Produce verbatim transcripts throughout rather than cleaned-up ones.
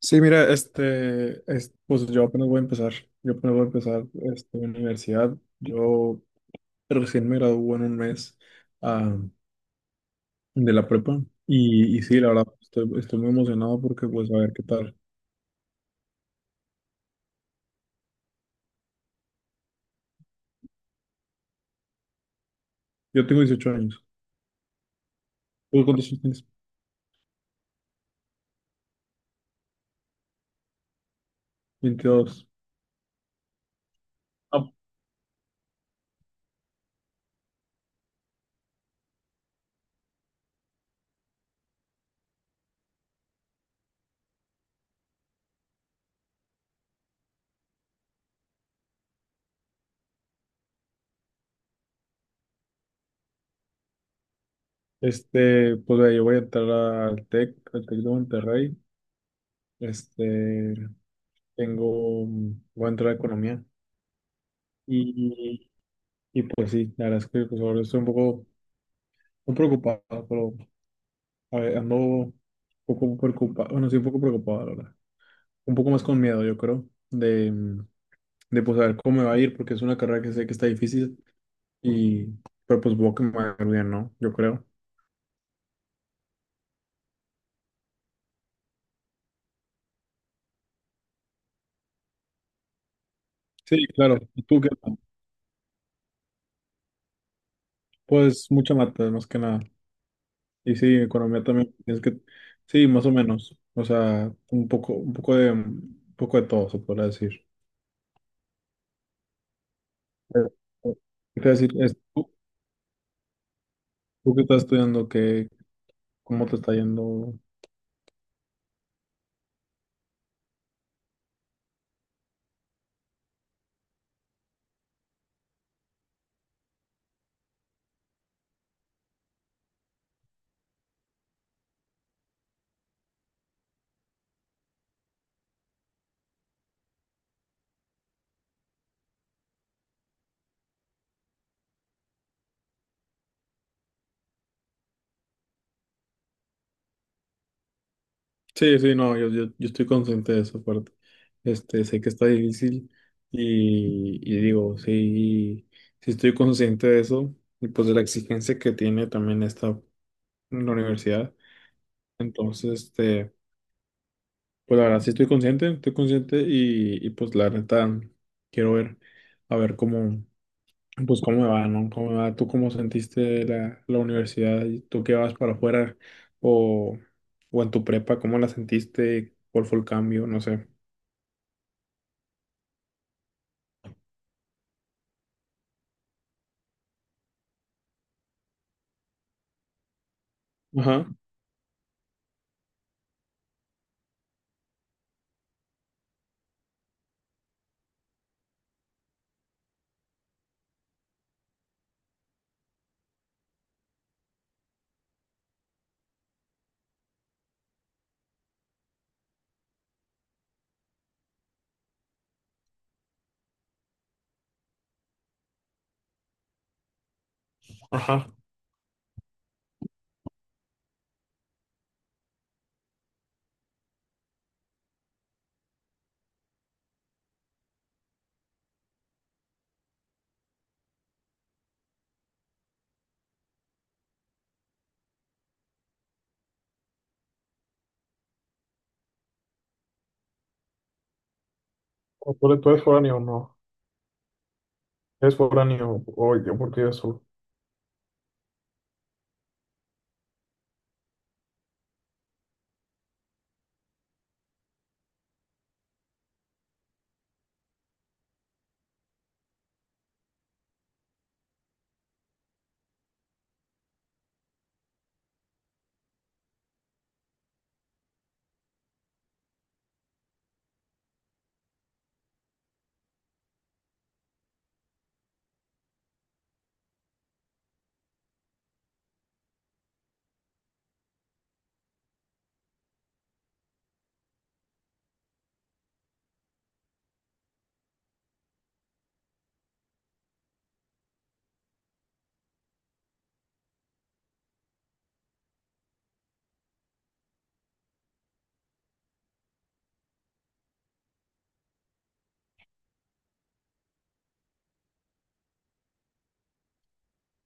Sí, mira, este, es- pues yo apenas voy a empezar, yo apenas voy a empezar este, universidad, yo recién me gradué en un mes ah, de la prepa y, y sí, la verdad, estoy, estoy muy emocionado porque pues a ver qué tal. Yo tengo dieciocho años. ¿Tú cuántos años tienes? Veintidós. Ah. Este, pues ve, yo voy a entrar al TEC, al TEC de Monterrey. este, tengo, Voy a entrar a economía y, y pues sí, la verdad es que pues ahora estoy un poco... Muy preocupado, pero a ver, ando un poco preocupado, bueno, sí, un poco preocupado, la verdad. Un poco más con miedo, yo creo, de, mm, de pues a ver cómo me va a ir, porque es una carrera que sé que está difícil, y, pero pues voy que me va a ir bien, ¿no? Yo creo. Sí, claro. ¿Y tú qué tal? Pues mucha mata, más que nada. Y sí, economía también, tienes que, sí, más o menos. O sea, un poco, un poco de, un poco de todo, se podrá decir. Eh, eh, ¿Qué te iba a decir? Es- ¿Tú, tú qué estás estudiando? ¿Qué, cómo te está yendo? Sí, sí, no, yo, yo, yo estoy consciente de esa parte. Este, sé que está difícil y, y digo, sí, sí estoy consciente de eso y pues de la exigencia que tiene también esta la universidad. Entonces, este, pues la verdad sí estoy consciente, estoy consciente y, y pues la neta quiero ver, a ver cómo, pues cómo me va, ¿no? ¿Cómo me va? ¿Tú cómo sentiste la, la universidad? ¿Y ¿tú qué vas para afuera o, o en tu prepa? ¿Cómo la sentiste? ¿Cuál fue el cambio? No sé. Ajá, ajá. ¿O ¿Tú, eres tú eres foráneo o no? ¿Eres foráneo? Oye, porque yo soy.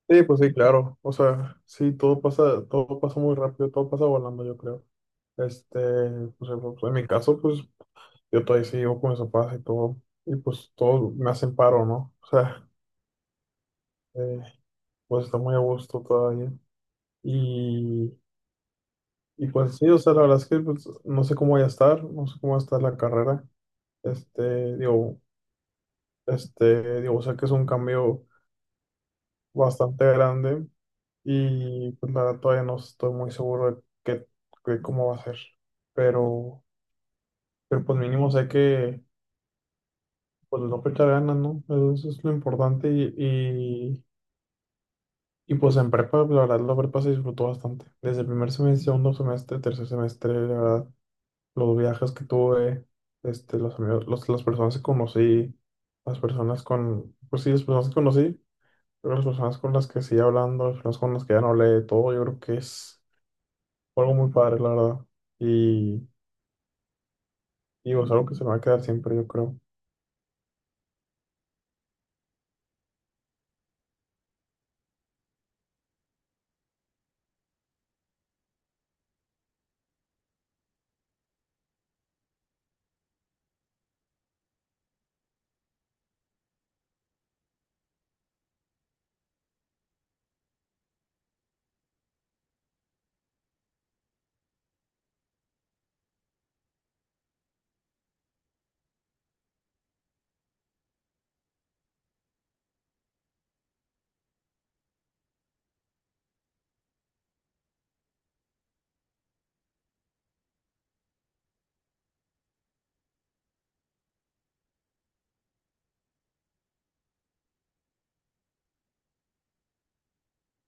Sí, pues sí, claro. O sea, sí, todo pasa, todo pasa muy rápido, todo pasa volando, yo creo. Este, pues, eh, pues, en mi caso, pues yo todavía sigo con mis papás y todo. Y pues todos me hacen paro, ¿no? O sea, eh, pues está muy a gusto todavía. Y, y pues sí, o sea, la verdad es que pues, no sé cómo voy a estar, no sé cómo va a estar la carrera. Este, digo, este, Digo, o sea que es un cambio bastante grande y pues la verdad todavía no estoy muy seguro de, qué, de cómo va a ser. Pero, pero pues mínimo sé que pues no echar ganas, ¿no? Eso es lo importante y, y, y, pues en prepa, la verdad la prepa se disfrutó bastante. Desde el primer semestre, segundo semestre, tercer semestre, la verdad, los viajes que tuve, este, los amigos, los- las personas que conocí, las personas con, pues sí, las personas que conocí. Pero las personas con las que sigue hablando, las personas con las que ya no hablé, todo, yo creo que es fue algo muy padre, la verdad. Y, y es algo que se me va a quedar siempre, yo creo.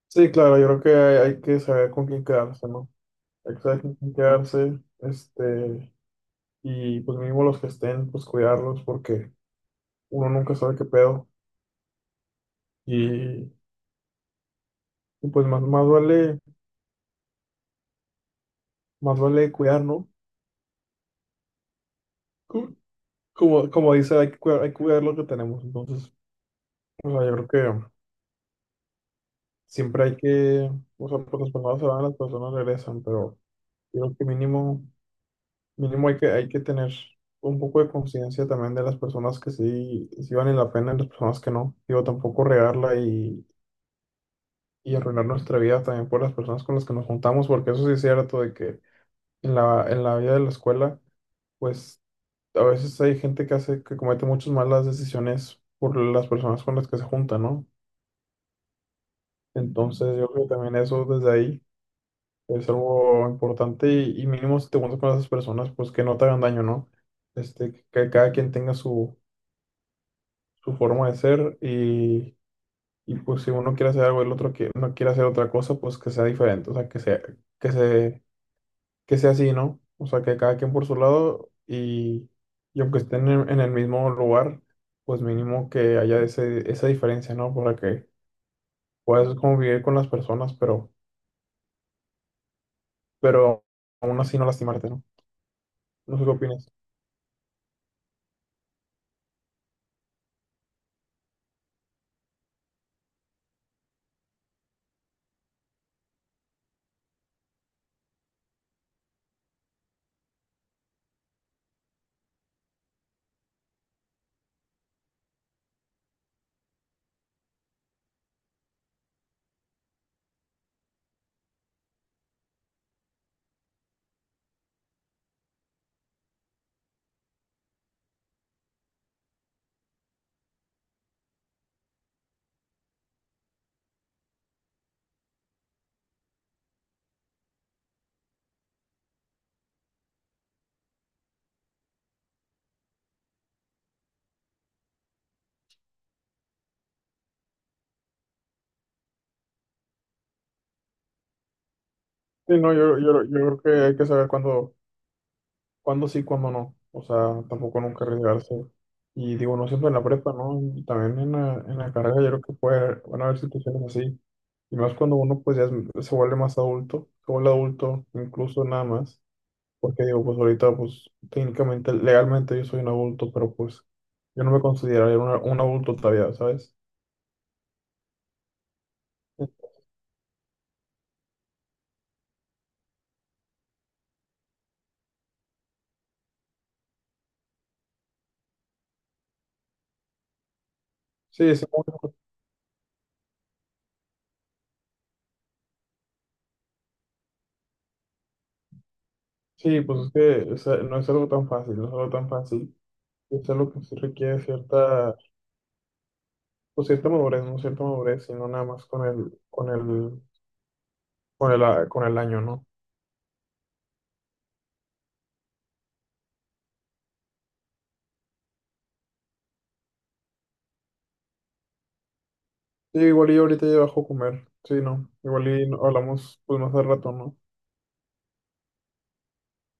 Sí, claro, yo creo que hay, hay que saber con quién quedarse, ¿no? Hay que saber con quién quedarse. Este, y pues mínimo los que estén, pues cuidarlos, porque uno nunca sabe qué pedo. Y, y pues más, más vale, más vale cuidar, ¿no? Co- Como, como dice, hay que cuidar, hay que cuidar lo que tenemos. Entonces, o sea, yo creo que siempre hay que, o sea, pues las personas se van, las personas regresan, pero yo creo que mínimo. Mínimo hay que, hay que tener un poco de conciencia también de las personas que sí, sí valen la pena y las personas que no. Digo, tampoco regarla y, y arruinar nuestra vida también por las personas con las que nos juntamos, porque eso sí es cierto de que en la, en la vida de la escuela, pues a veces hay gente que hace, que comete muchas malas decisiones por las personas con las que se junta, ¿no? Entonces yo creo que también eso desde ahí es algo importante y, y mínimo si te juntas con esas personas, pues que no te hagan daño, ¿no? Este, que cada quien tenga su su forma de ser y, y, pues si uno quiere hacer algo, el otro que no quiere hacer otra cosa, pues que sea diferente, o sea, que sea, que se, que sea así, ¿no? O sea, que cada quien por su lado y, y aunque estén en, en el mismo lugar, pues mínimo que haya ese, esa diferencia, ¿no? Para que puedas convivir con las personas, pero, pero aún así no lastimarte, ¿no? No sé qué opinas. Sí, no, yo, yo, yo creo que hay que saber cuándo cuándo sí, cuándo no. O sea, tampoco nunca arriesgarse. Y digo, no siempre en la prepa, ¿no? Y también en la, en la carrera yo creo que puede, van a haber situaciones así. Y más cuando uno pues ya es- se vuelve más adulto, se vuelve adulto incluso nada más. Porque digo, pues ahorita pues técnicamente, legalmente yo soy un adulto, pero pues yo no me consideraría una- un adulto todavía, ¿sabes? Sí, sí, sí, pues es que o sea, no es algo tan fácil, no es algo tan fácil. Es algo que sí requiere cierta pues cierta madurez, ¿no? Cierta madurez, sino nada más con el, con el, con el, a- con el año, ¿no? Sí, igual y ahorita ya bajo a comer, sí, ¿no? Igual y no, hablamos pues más al rato, ¿no?